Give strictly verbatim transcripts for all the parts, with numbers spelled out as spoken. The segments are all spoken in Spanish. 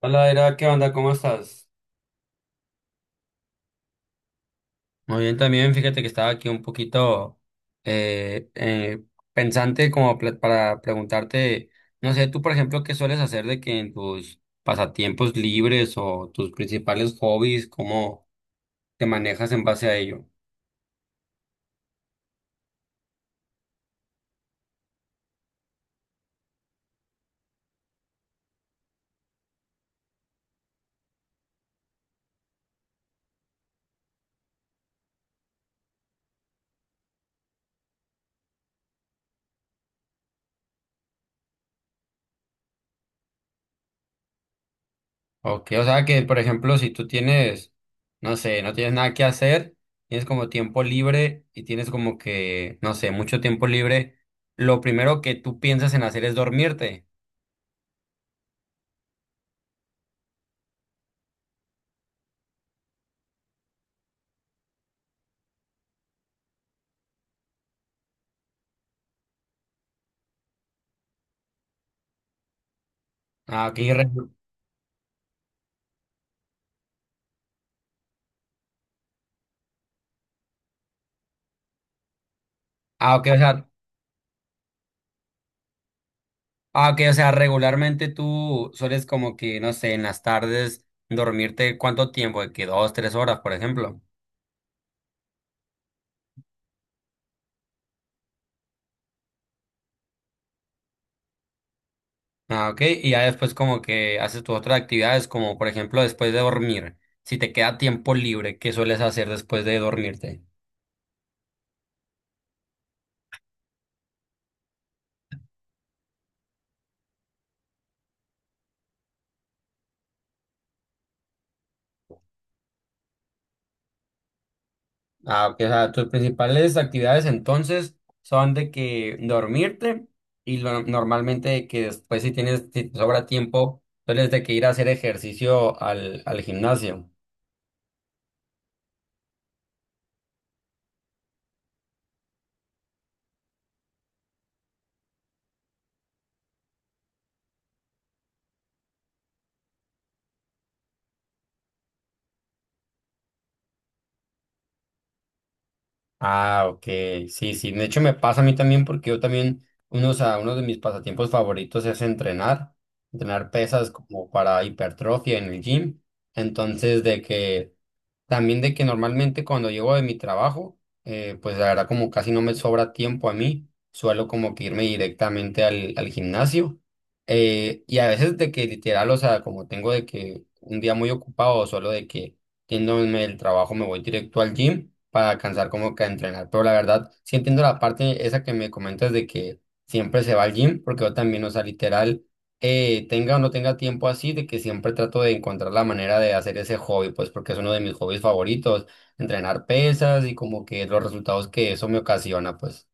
Hola, Era, ¿qué onda? ¿Cómo estás? Muy bien también, fíjate que estaba aquí un poquito eh, eh, pensante como pla- para preguntarte, no sé, tú por ejemplo, ¿qué sueles hacer de que en tus pasatiempos libres o tus principales hobbies, cómo te manejas en base a ello? Ok, o sea que por ejemplo, si tú tienes, no sé, no tienes nada que hacer, tienes como tiempo libre y tienes como que, no sé, mucho tiempo libre, lo primero que tú piensas en hacer es dormirte. Ah, ok. Ah, ok, o sea, ah, ok, o sea, regularmente tú sueles como que, no sé, en las tardes dormirte cuánto tiempo, de que dos, tres horas, por ejemplo. Ah, ok, y ya después como que haces tus otras actividades, como por ejemplo después de dormir, si te queda tiempo libre, ¿qué sueles hacer después de dormirte? Ah, ok, o sea, tus principales actividades entonces son de que dormirte y lo- normalmente de que después si tienes, si te sobra tiempo, sueles de que ir a hacer ejercicio al, al gimnasio. Ah, ok, sí, sí, de hecho me pasa a mí también porque yo también, unos a sea, uno de mis pasatiempos favoritos es entrenar, entrenar pesas como para hipertrofia en el gym, entonces de que también de que normalmente cuando llego de mi trabajo, eh, pues la verdad como casi no me sobra tiempo a mí, suelo como que irme directamente al, al gimnasio. Eh, y a veces de que literal, o sea, como tengo de que un día muy ocupado, solo de que yéndome del trabajo me voy directo al gym para alcanzar como que a entrenar. Pero la verdad, sí entiendo la parte esa que me comentas de que siempre se va al gym, porque yo también, o sea, literal eh, tenga o no tenga tiempo así, de que siempre trato de encontrar la manera de hacer ese hobby, pues porque es uno de mis hobbies favoritos, entrenar pesas y como que los resultados que eso me ocasiona, pues.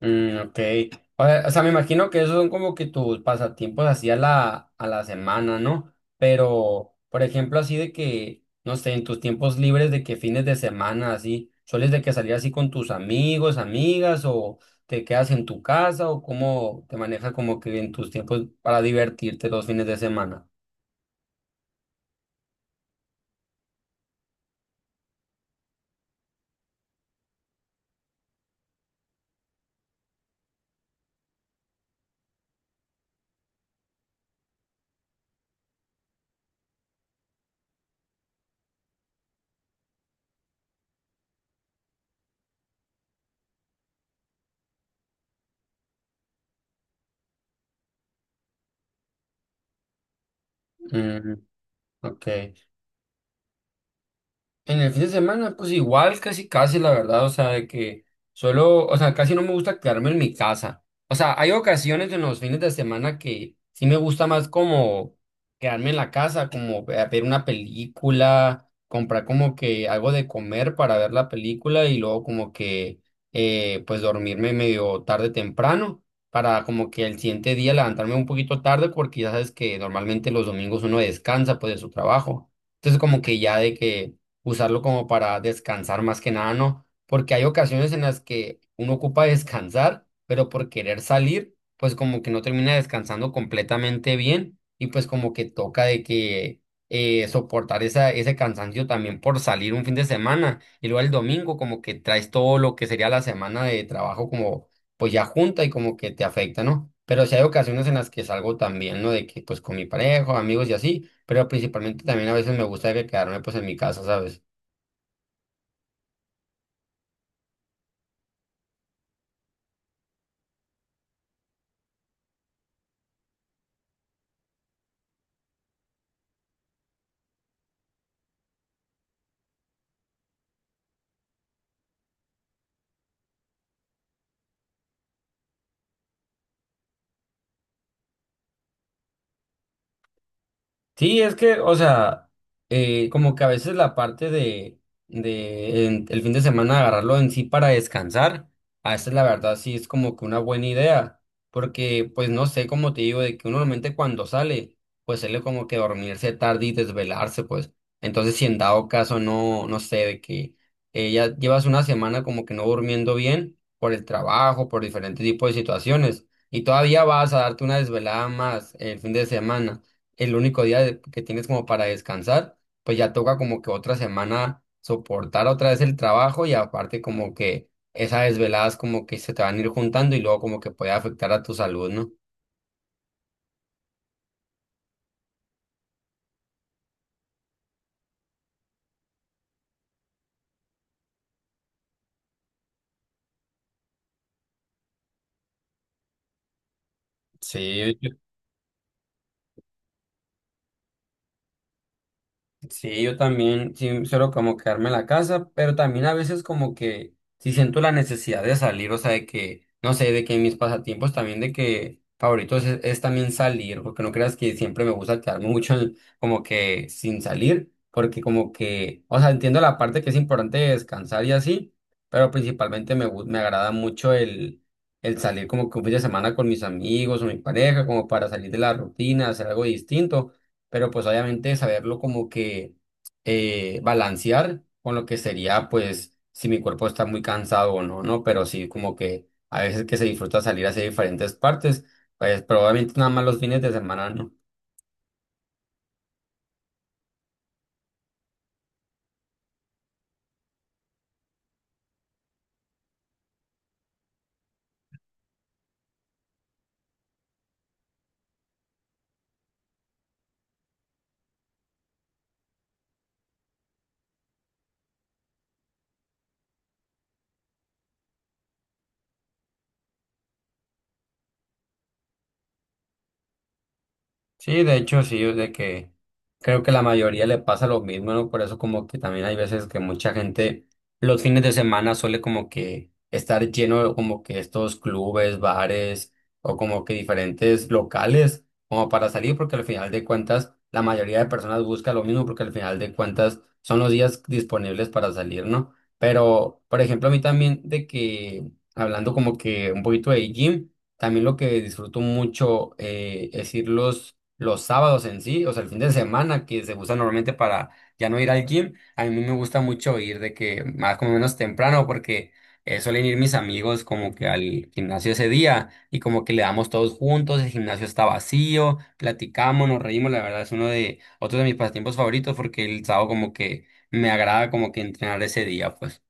Mm, ok. O sea, o sea, me imagino que esos son como que tus pasatiempos así a la, a la semana, ¿no? Pero, por ejemplo, así de que, no sé, en tus tiempos libres de que fines de semana, así, ¿sueles de que salir así con tus amigos, amigas, o te quedas en tu casa, o cómo te manejas como que en tus tiempos para divertirte los fines de semana? Mm, ok. En el fin de semana, pues igual, casi, casi, la verdad, o sea, de que solo, o sea, casi no me gusta quedarme en mi casa. O sea, hay ocasiones en los fines de semana que sí me gusta más como quedarme en la casa, como ve- ver una película, comprar como que algo de comer para ver la película y luego como que, eh, pues dormirme medio tarde temprano para como que el siguiente día levantarme un poquito tarde porque ya sabes que normalmente los domingos uno descansa pues de su trabajo. Entonces como que ya de que usarlo como para descansar más que nada, ¿no? Porque hay ocasiones en las que uno ocupa descansar, pero por querer salir, pues como que no termina descansando completamente bien y pues como que toca de que eh, soportar esa, ese cansancio también por salir un fin de semana y luego el domingo como que traes todo lo que sería la semana de trabajo como pues ya junta y como que te afecta, ¿no? Pero sí hay ocasiones en las que salgo también, ¿no? De que pues con mi pareja, amigos y así pero principalmente también a veces me gusta que quedarme pues en mi casa, ¿sabes? Sí, es que, o sea, eh, como que a veces la parte de, de en- el fin de semana agarrarlo en sí para descansar, a veces la verdad sí es como que una buena idea, porque pues no sé, como te digo, de que uno normalmente cuando sale, pues sale como que dormirse tarde y desvelarse, pues. Entonces, si en dado caso no, no sé, de que eh, ya llevas una semana como que no durmiendo bien por el trabajo, por diferentes tipos de situaciones, y todavía vas a darte una desvelada más el fin de semana el único día de- que tienes como para descansar, pues ya toca como que otra semana soportar otra vez el trabajo y aparte como que esas desveladas como que se te van a ir juntando y luego como que puede afectar a tu salud, ¿no? Sí. Sí, yo también sí suelo como quedarme en la casa, pero también a veces como que sí siento la necesidad de salir, o sea, de que, no sé, de que mis pasatiempos también de que favoritos es, es también salir, porque no creas que siempre me gusta quedarme mucho en- como que sin salir, porque como que, o sea, entiendo la parte que es importante de descansar y así, pero principalmente me, gu- me agrada mucho el, el salir como que un fin de semana con mis amigos o mi pareja, como para salir de la rutina, hacer algo distinto pero pues obviamente saberlo como que eh, balancear con lo que sería pues si mi cuerpo está muy cansado o no, ¿no? Pero sí como que a veces que se disfruta salir hacia diferentes partes, pues probablemente nada más los fines de semana, ¿no? Sí, de hecho, sí, es de que creo que la mayoría le pasa lo mismo, ¿no? Por eso como que también hay veces que mucha gente los fines de semana suele como que estar lleno de como que estos clubes, bares o como que diferentes locales como para salir porque al final de cuentas la mayoría de personas busca lo mismo porque al final de cuentas son los días disponibles para salir, ¿no? Pero, por ejemplo, a mí también de que hablando como que un poquito de gym, también lo que disfruto mucho eh, es irlos los sábados en sí, o sea, el fin de semana que se usa normalmente para ya no ir al gym, a mí me gusta mucho ir de que más como menos temprano porque eh, suelen ir mis amigos como que al gimnasio ese día y como que le damos todos juntos, el gimnasio está vacío, platicamos, nos reímos, la verdad es uno de otro de mis pasatiempos favoritos porque el sábado como que me agrada como que entrenar ese día, pues.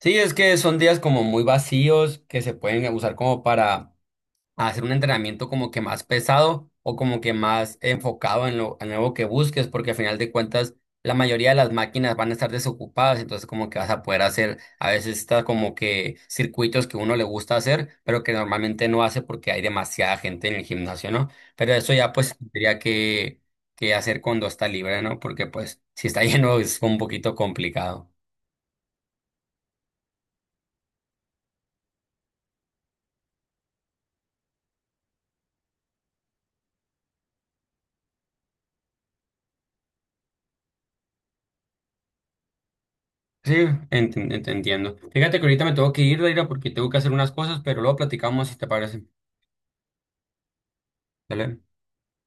Sí, es que son días como muy vacíos que se pueden usar como para a hacer un entrenamiento como que más pesado o como que más enfocado en lo, nuevo que busques, porque al final de cuentas la mayoría de las máquinas van a estar desocupadas, entonces como que vas a poder hacer a veces está como que circuitos que uno le gusta hacer, pero que normalmente no hace porque hay demasiada gente en el gimnasio, ¿no? Pero eso ya pues tendría que, que hacer cuando está libre, ¿no? Porque pues si está lleno es un poquito complicado. Sí, ent- ent- entiendo. Fíjate que ahorita me tengo que ir, Daira, porque tengo que hacer unas cosas, pero luego platicamos si te parece. ¿Vale?